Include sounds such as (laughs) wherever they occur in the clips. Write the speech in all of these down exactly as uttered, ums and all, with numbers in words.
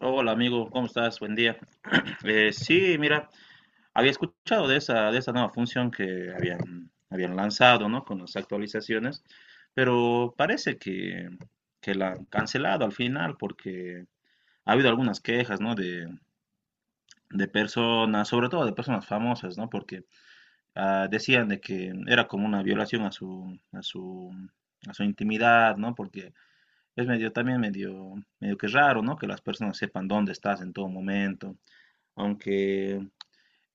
Hola amigo, ¿cómo estás? Buen día. Eh, sí, mira, había escuchado de esa, de esa nueva función que habían, habían lanzado, ¿no? Con las actualizaciones, pero parece que, que la han cancelado al final porque ha habido algunas quejas, ¿no? De, de personas, sobre todo de personas famosas, ¿no? Porque ah, decían de que era como una violación a su, a su, a su intimidad, ¿no? Porque es medio, también medio, medio que raro, ¿no? Que las personas sepan dónde estás en todo momento. Aunque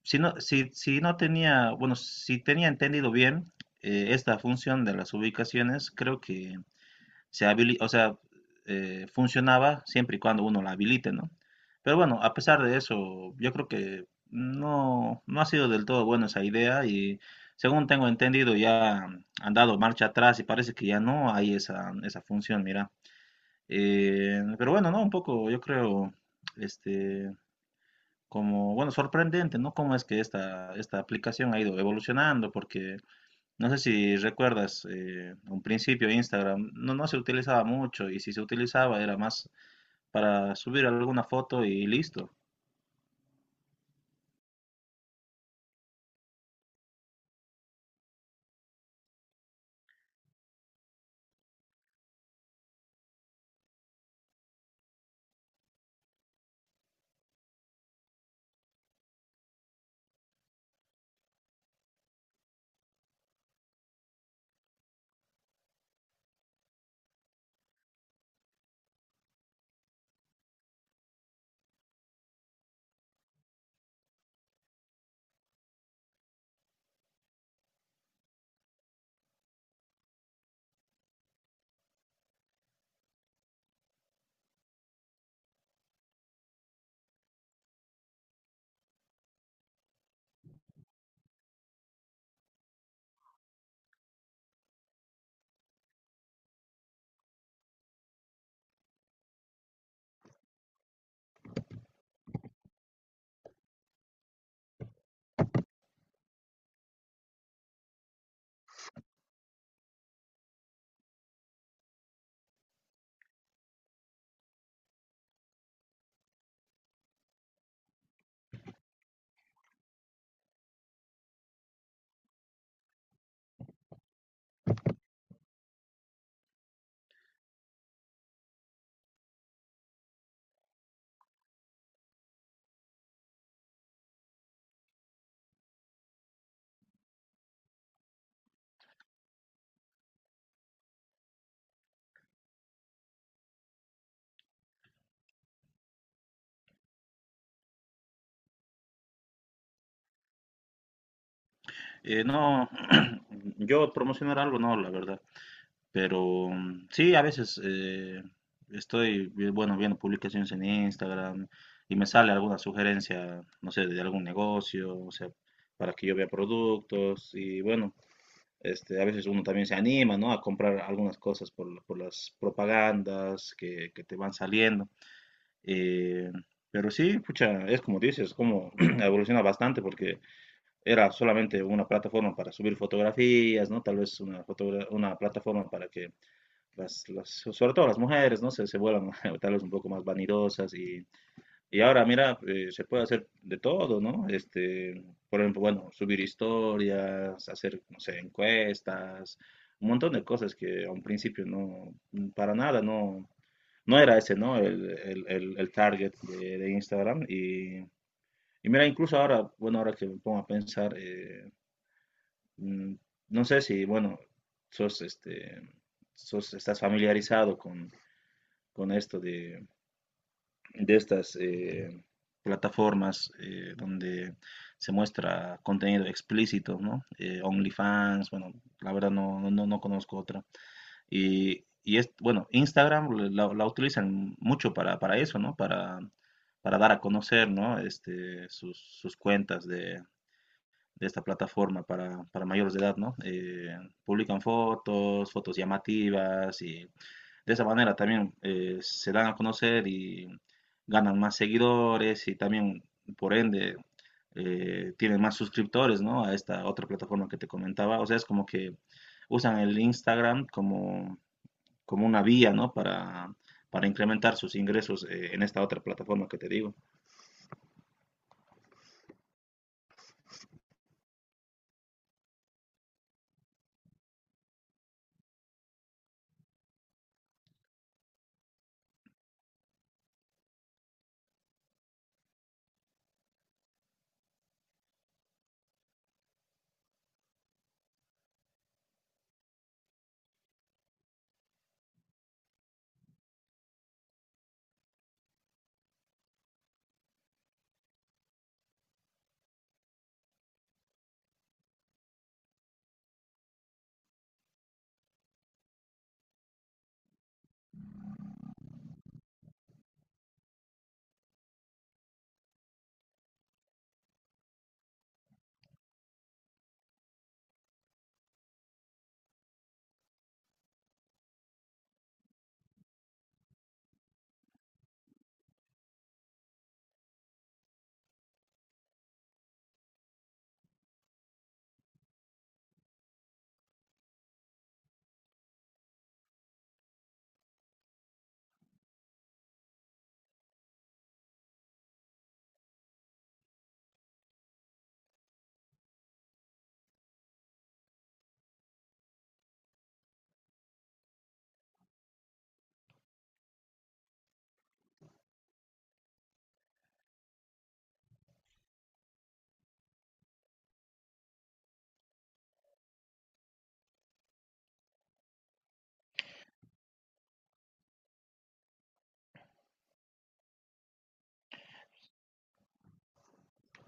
si no, si, si no tenía, bueno, si tenía entendido bien, eh, esta función de las ubicaciones, creo que se habili- o sea, eh, funcionaba siempre y cuando uno la habilite, ¿no? Pero bueno, a pesar de eso, yo creo que no, no ha sido del todo buena esa idea y según tengo entendido ya han dado marcha atrás y parece que ya no hay esa, esa función, mira. Eh, pero bueno, no, un poco, yo creo, este, como, bueno, sorprendente, ¿no? Cómo es que esta, esta aplicación ha ido evolucionando, porque no sé si recuerdas, eh, un principio Instagram no, no se utilizaba mucho y si se utilizaba era más para subir alguna foto y listo. Eh, no, (clears throat) yo promocionar algo, no, la verdad, pero mm, sí, a veces eh, estoy, vi- bueno, viendo publicaciones en Instagram y me sale alguna sugerencia, no sé, de algún negocio, o sea, para que yo vea productos y bueno. Este, a veces uno también se anima, ¿no? A comprar algunas cosas por, por las propagandas que, que te van saliendo. Eh, pero sí, pucha, es como dices, como (clears throat) evoluciona bastante porque era solamente una plataforma para subir fotografías, ¿no? Tal vez una, fotogra- una plataforma para que las, las- sobre todo las mujeres, ¿no? Se, se vuelvan (laughs) tal vez un poco más vanidosas y y ahora, mira, eh, se puede hacer de todo, ¿no? Este, por ejemplo, bueno, subir historias, hacer, no sé, encuestas, un montón de cosas que a un principio no, para nada, no, no era ese, ¿no? El, el- el- el target de, de Instagram. Y, y mira, incluso ahora, bueno, ahora que me pongo a pensar, eh, mm, no sé si, bueno, sos, este, sos, estás familiarizado con, con esto de estas eh, plataformas eh, donde se muestra contenido explícito, ¿no? Eh, OnlyFans, bueno, la verdad no, no, no no conozco otra. Y, y es, bueno, Instagram la, la utilizan mucho para, para eso, ¿no? Para, para dar a conocer, ¿no? Este, sus, sus cuentas de, de esta plataforma para, para mayores de edad, ¿no? Eh, publican fotos, fotos llamativas y de esa manera también eh, se dan a conocer y ganan más seguidores y también, por ende, eh, tienen más suscriptores, ¿no? A esta otra plataforma que te comentaba. O sea, es como que usan el Instagram como, como una vía, ¿no? Para, para incrementar sus ingresos eh, en esta otra plataforma que te digo.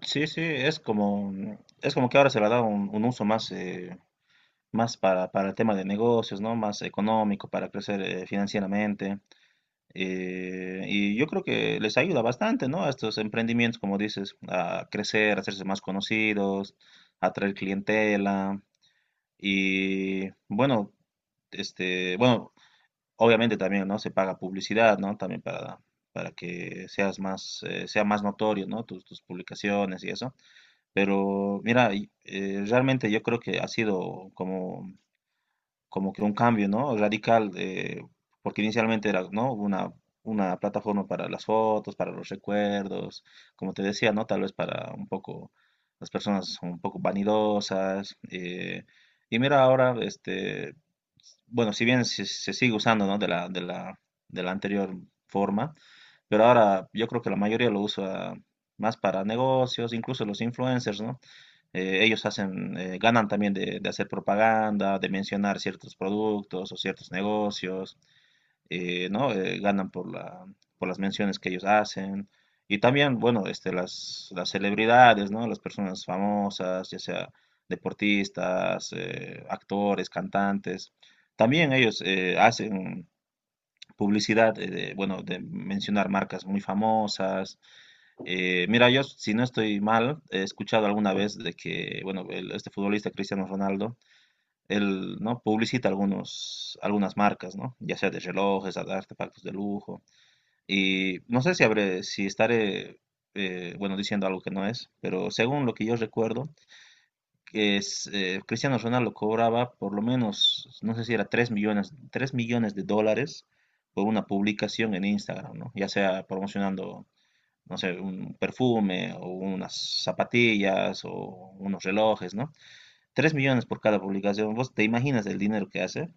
Sí, sí, es como, es como que ahora se le da un, un uso más, eh, más para, para el tema de negocios, ¿no? Más económico, para crecer eh, financieramente. Eh, y yo creo que les ayuda bastante, ¿no? A estos emprendimientos, como dices, a crecer, a hacerse más conocidos, a atraer clientela. Y bueno, este, bueno, obviamente también, ¿no? Se paga publicidad, ¿no? También para, para que seas más, eh, sea más notorio, ¿no? Tus, tus publicaciones y eso. Pero mira, y, eh, realmente yo creo que ha sido como como que un cambio, ¿no? Radical, eh, porque inicialmente era, ¿no? Una, una plataforma para las fotos, para los recuerdos, como te decía, ¿no? Tal vez para un poco las personas son un poco vanidosas. Eh, y mira ahora, este, bueno, si bien se, se sigue usando, ¿no? De la, de la, de la anterior forma, pero ahora yo creo que la mayoría lo usa más para negocios, incluso los influencers, ¿no? Eh, ellos hacen, eh, ganan también de, de hacer propaganda, de mencionar ciertos productos o ciertos negocios, eh, ¿no? Eh, ganan por la, por las menciones que ellos hacen. Y también, bueno, este, las, las celebridades, ¿no? Las personas famosas, ya sea deportistas, eh, actores, cantantes. También ellos eh, hacen publicidad, eh, de, bueno, de mencionar marcas muy famosas. Eh, mira, yo si no estoy mal, he escuchado alguna vez de que, bueno, el- este futbolista Cristiano Ronaldo, él, ¿no? Publicita algunos, algunas marcas, ¿no? Ya sea de relojes, de artefactos de lujo. Y no sé si habré, si estaré, eh, bueno, diciendo algo que no es, pero según lo que yo recuerdo, que es, eh, Cristiano Ronaldo cobraba por lo menos, no sé si era tres millones, tres millones de dólares por una publicación en Instagram, ¿no? Ya sea promocionando no sé, un perfume o unas zapatillas o unos relojes, ¿no? Tres millones por cada publicación. ¿Vos te imaginas el dinero que hace?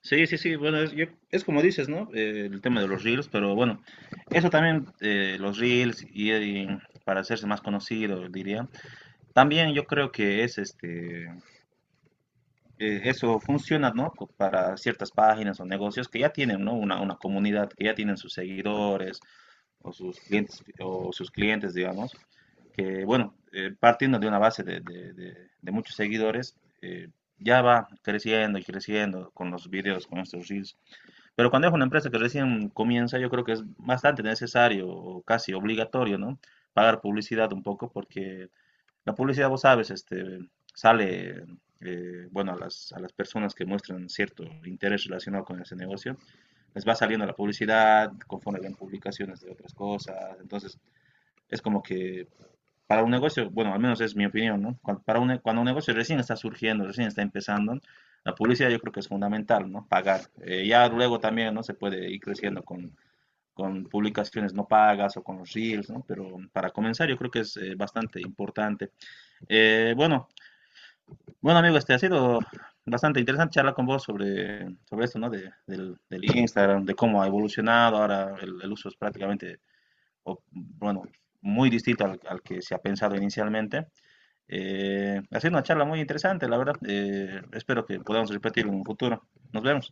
Sí, sí, sí. Bueno, es, yo- es como dices, ¿no? Eh, el tema de los reels, pero bueno, eso también, eh, los reels y, y para hacerse más conocido, diría. También yo creo que es este, eh, eso funciona, ¿no? Co- Para ciertas páginas o negocios que ya tienen, ¿no? Una, una comunidad, que ya tienen sus seguidores o sus clientes, o sus clientes, digamos, que, bueno, eh, partiendo de una base de, de- de- de muchos seguidores, eh, ya va creciendo y creciendo con los videos, con estos reels. Pero cuando es una empresa que recién comienza, yo creo que es bastante necesario o casi obligatorio, ¿no? Pagar publicidad un poco porque la publicidad, vos sabes, este, sale, eh, bueno, a las, a las personas que muestran cierto interés relacionado con ese negocio, les va saliendo la publicidad, conforme ven publicaciones de otras cosas. Entonces, es como que para un negocio, bueno, al menos es mi opinión, ¿no? Cuando, para un, cuando un negocio recién está surgiendo, recién está empezando, la publicidad yo creo que es fundamental, ¿no? Pagar. Eh, ya luego también, ¿no? Se puede ir creciendo con, con publicaciones no pagas o con los reels, ¿no? Pero para comenzar yo creo que es eh, bastante importante. Eh, bueno, bueno amigo, este ha sido bastante interesante charlar con vos sobre, sobre esto, ¿no? De- del, del Instagram, de cómo ha evolucionado, ahora el, el uso es prácticamente, o, bueno, muy distinto al, al que se ha pensado inicialmente. Eh, ha sido una charla muy interesante, la verdad. Eh, espero que podamos repetir en un futuro. Nos vemos.